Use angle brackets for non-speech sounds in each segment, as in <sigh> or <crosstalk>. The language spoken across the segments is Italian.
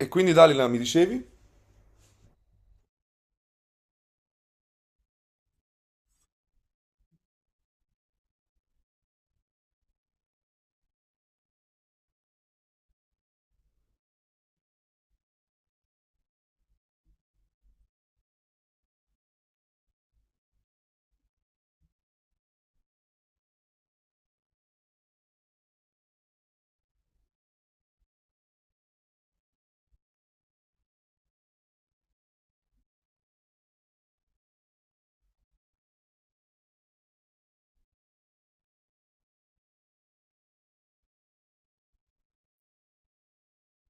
E quindi Dalila, mi dicevi?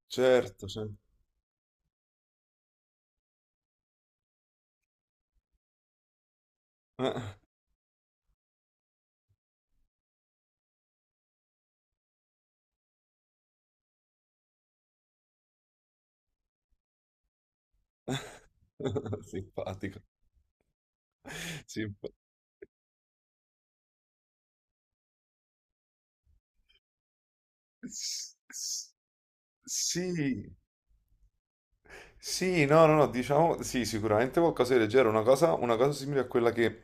Certo, certo. Eh, <laughs> Simpatica. Simpa- s- s- Sì. Sì, no, no, no, diciamo, sì, sicuramente qualcosa di leggero, una cosa simile a quella che,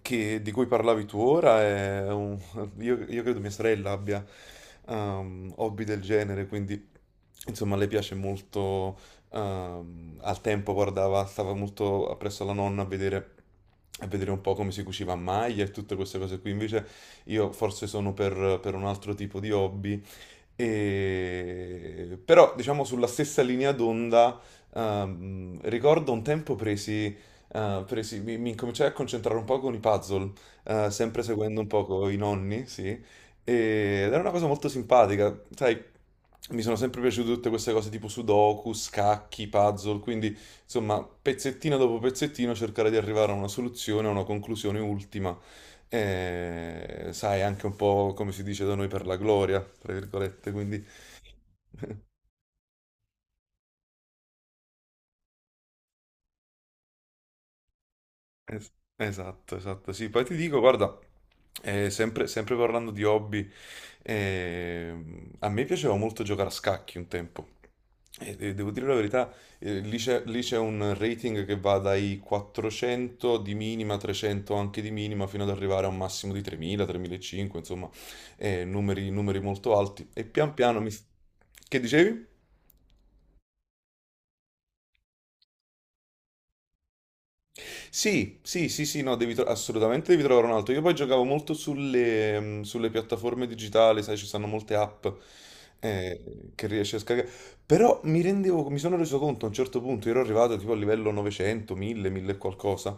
di cui parlavi tu ora, io credo mia sorella abbia hobby del genere, quindi insomma le piace molto. Al tempo guardava, stava molto appresso alla nonna a vedere un po' come si cuciva a maglia e tutte queste cose qui. Invece io forse sono per un altro tipo di hobby. Però, diciamo, sulla stessa linea d'onda, ricordo un tempo mi incominciai a concentrare un po' con i puzzle, sempre seguendo un poco i nonni, sì. Ed era una cosa molto simpatica, sai, mi sono sempre piaciute tutte queste cose tipo sudoku, scacchi, puzzle, quindi, insomma, pezzettino dopo pezzettino cercare di arrivare a una soluzione, a una conclusione ultima. Sai, anche un po' come si dice da noi per la gloria, tra virgolette, quindi... Es- esatto, esatto, sì. Poi ti dico, guarda, sempre, sempre parlando di hobby, a me piaceva molto giocare a scacchi un tempo. E devo dire la verità. Lì c'è lì c'è un rating che va dai 400 di minima, 300 anche di minima, fino ad arrivare a un massimo di 3000, 3500, insomma, numeri, numeri molto alti. E pian piano mi... Che dicevi? Sì, sì, sì, sì, no, devi assolutamente devi trovare un altro. Io poi giocavo molto sulle, sulle piattaforme digitali, sai, ci sono molte app che riesci a scaricare. Però mi sono reso conto a un certo punto, ero arrivato tipo a livello 900, 1000, 1000 e qualcosa.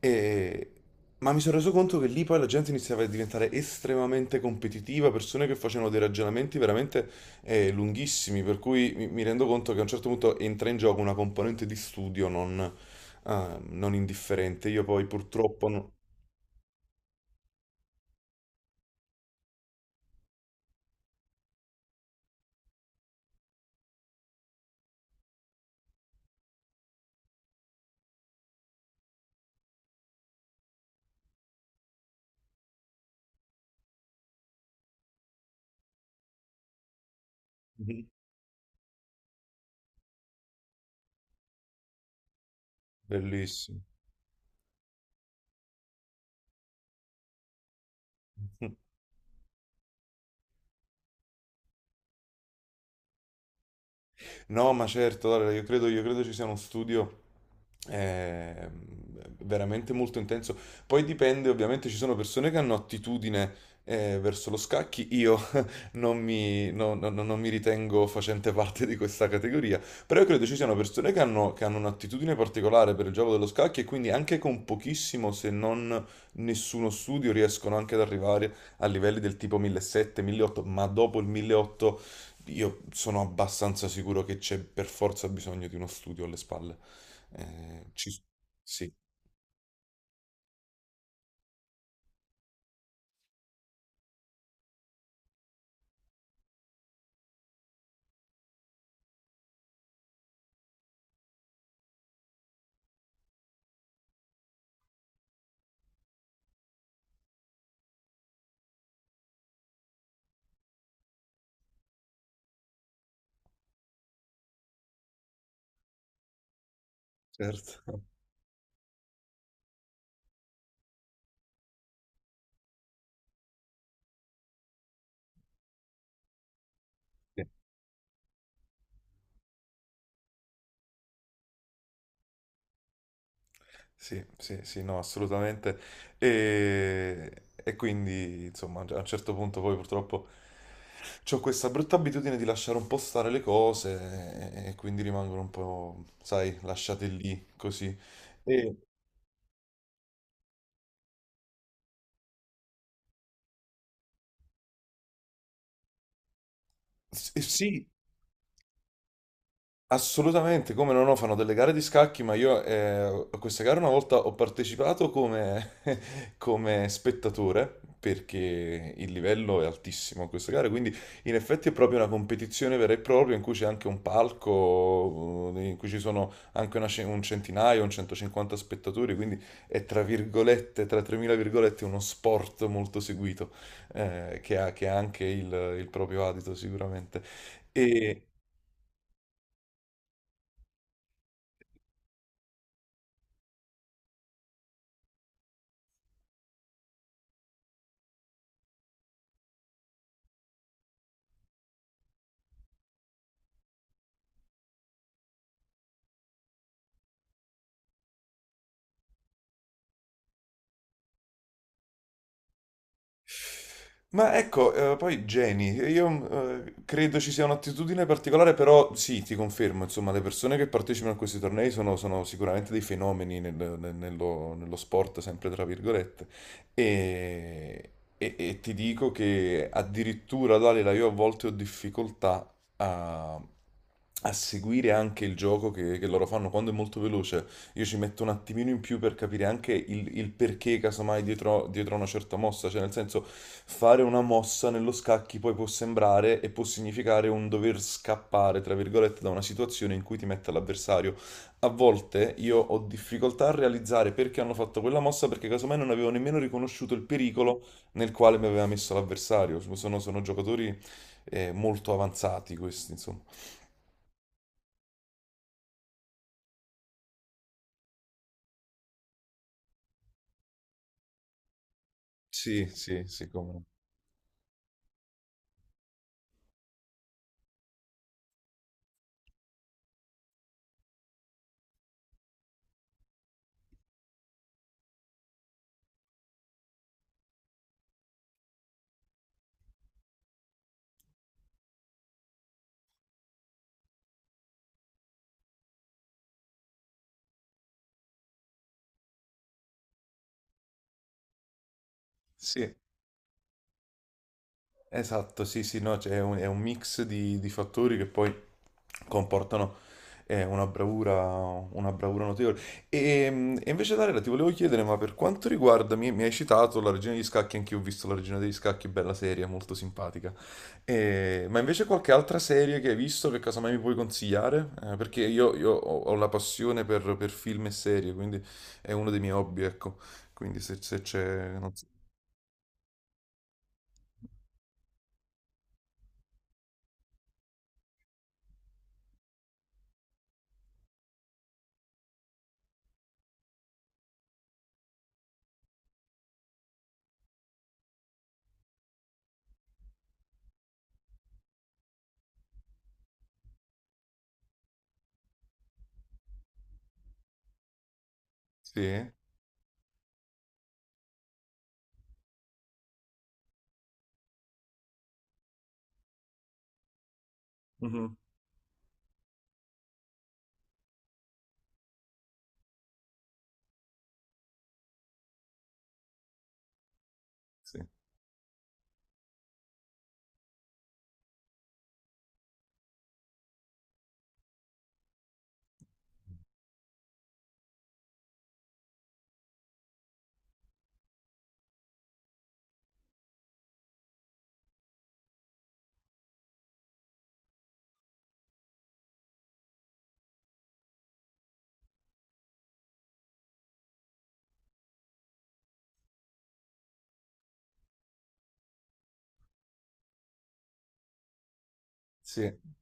E- Ma mi sono reso conto che lì poi la gente iniziava a diventare estremamente competitiva, persone che facevano dei ragionamenti veramente lunghissimi, per cui mi rendo conto che a un certo punto entra in gioco una componente di studio non indifferente. Io poi purtroppo... Mhm. Bellissimo. <laughs> No, ma certo, Daria, io credo ci sia uno studio eh, veramente molto intenso. Poi dipende, ovviamente ci sono persone che hanno attitudine verso lo scacchi. Io non mi, no- no- no- non mi ritengo facente parte di questa categoria, però io credo ci siano persone che hanno un'attitudine particolare per il gioco dello scacchi e quindi anche con pochissimo, se non nessuno studio, riescono anche ad arrivare a livelli del tipo 1700, 1800, ma dopo il 1800 io sono abbastanza sicuro che c'è per forza bisogno di uno studio alle spalle. Ci... Sì, certo. Sì, sì, sì, no, assolutamente. E quindi, insomma, a un certo punto poi purtroppo ho questa brutta abitudine di lasciare un po' stare le cose e quindi rimangono un po', sai, lasciate lì, così. E, e sì. Assolutamente, come no, no, fanno delle gare di scacchi, ma io a questa gara una volta ho partecipato come, <laughs> come spettatore, perché il livello è altissimo a questa gara, quindi in effetti è proprio una competizione vera e propria in cui c'è anche un palco, in cui ci sono anche una un centinaio, un 150 spettatori, quindi è tra virgolette, tra 3000 virgolette, uno sport molto seguito, che ha anche il proprio adito sicuramente. E, Ma ecco, poi Jenny, io credo ci sia un'attitudine particolare, però sì, ti confermo, insomma, le persone che partecipano a questi tornei sono, sono sicuramente dei fenomeni nello sport, sempre tra virgolette. e, e ti dico che addirittura, Dalila, io a volte ho difficoltà a, a seguire anche il gioco che loro fanno quando è molto veloce. Io ci metto un attimino in più per capire anche il perché, casomai, dietro, dietro a una certa mossa. Cioè, nel senso, fare una mossa nello scacchi poi può sembrare e può significare un dover scappare, tra virgolette, da una situazione in cui ti mette l'avversario. A volte io ho difficoltà a realizzare perché hanno fatto quella mossa, perché casomai non avevo nemmeno riconosciuto il pericolo nel quale mi aveva messo l'avversario. Sono, sono giocatori molto avanzati questi, insomma. Sì, sì, sì, come no. Sì. Esatto, sì, sì, no, cioè è un mix di fattori che poi comportano eh, una bravura, una bravura notevole. E invece, Darela, ti volevo chiedere, ma per quanto riguarda, mi hai citato la Regina degli Scacchi, anch'io ho visto la Regina degli Scacchi, bella serie, molto simpatica. Ma invece qualche altra serie che hai visto che casomai mi puoi consigliare? Perché io ho, ho la passione per film e serie, quindi è uno dei miei hobby, ecco. Quindi se, se c'è... non so- Sì? Mhm. Sì. Sì.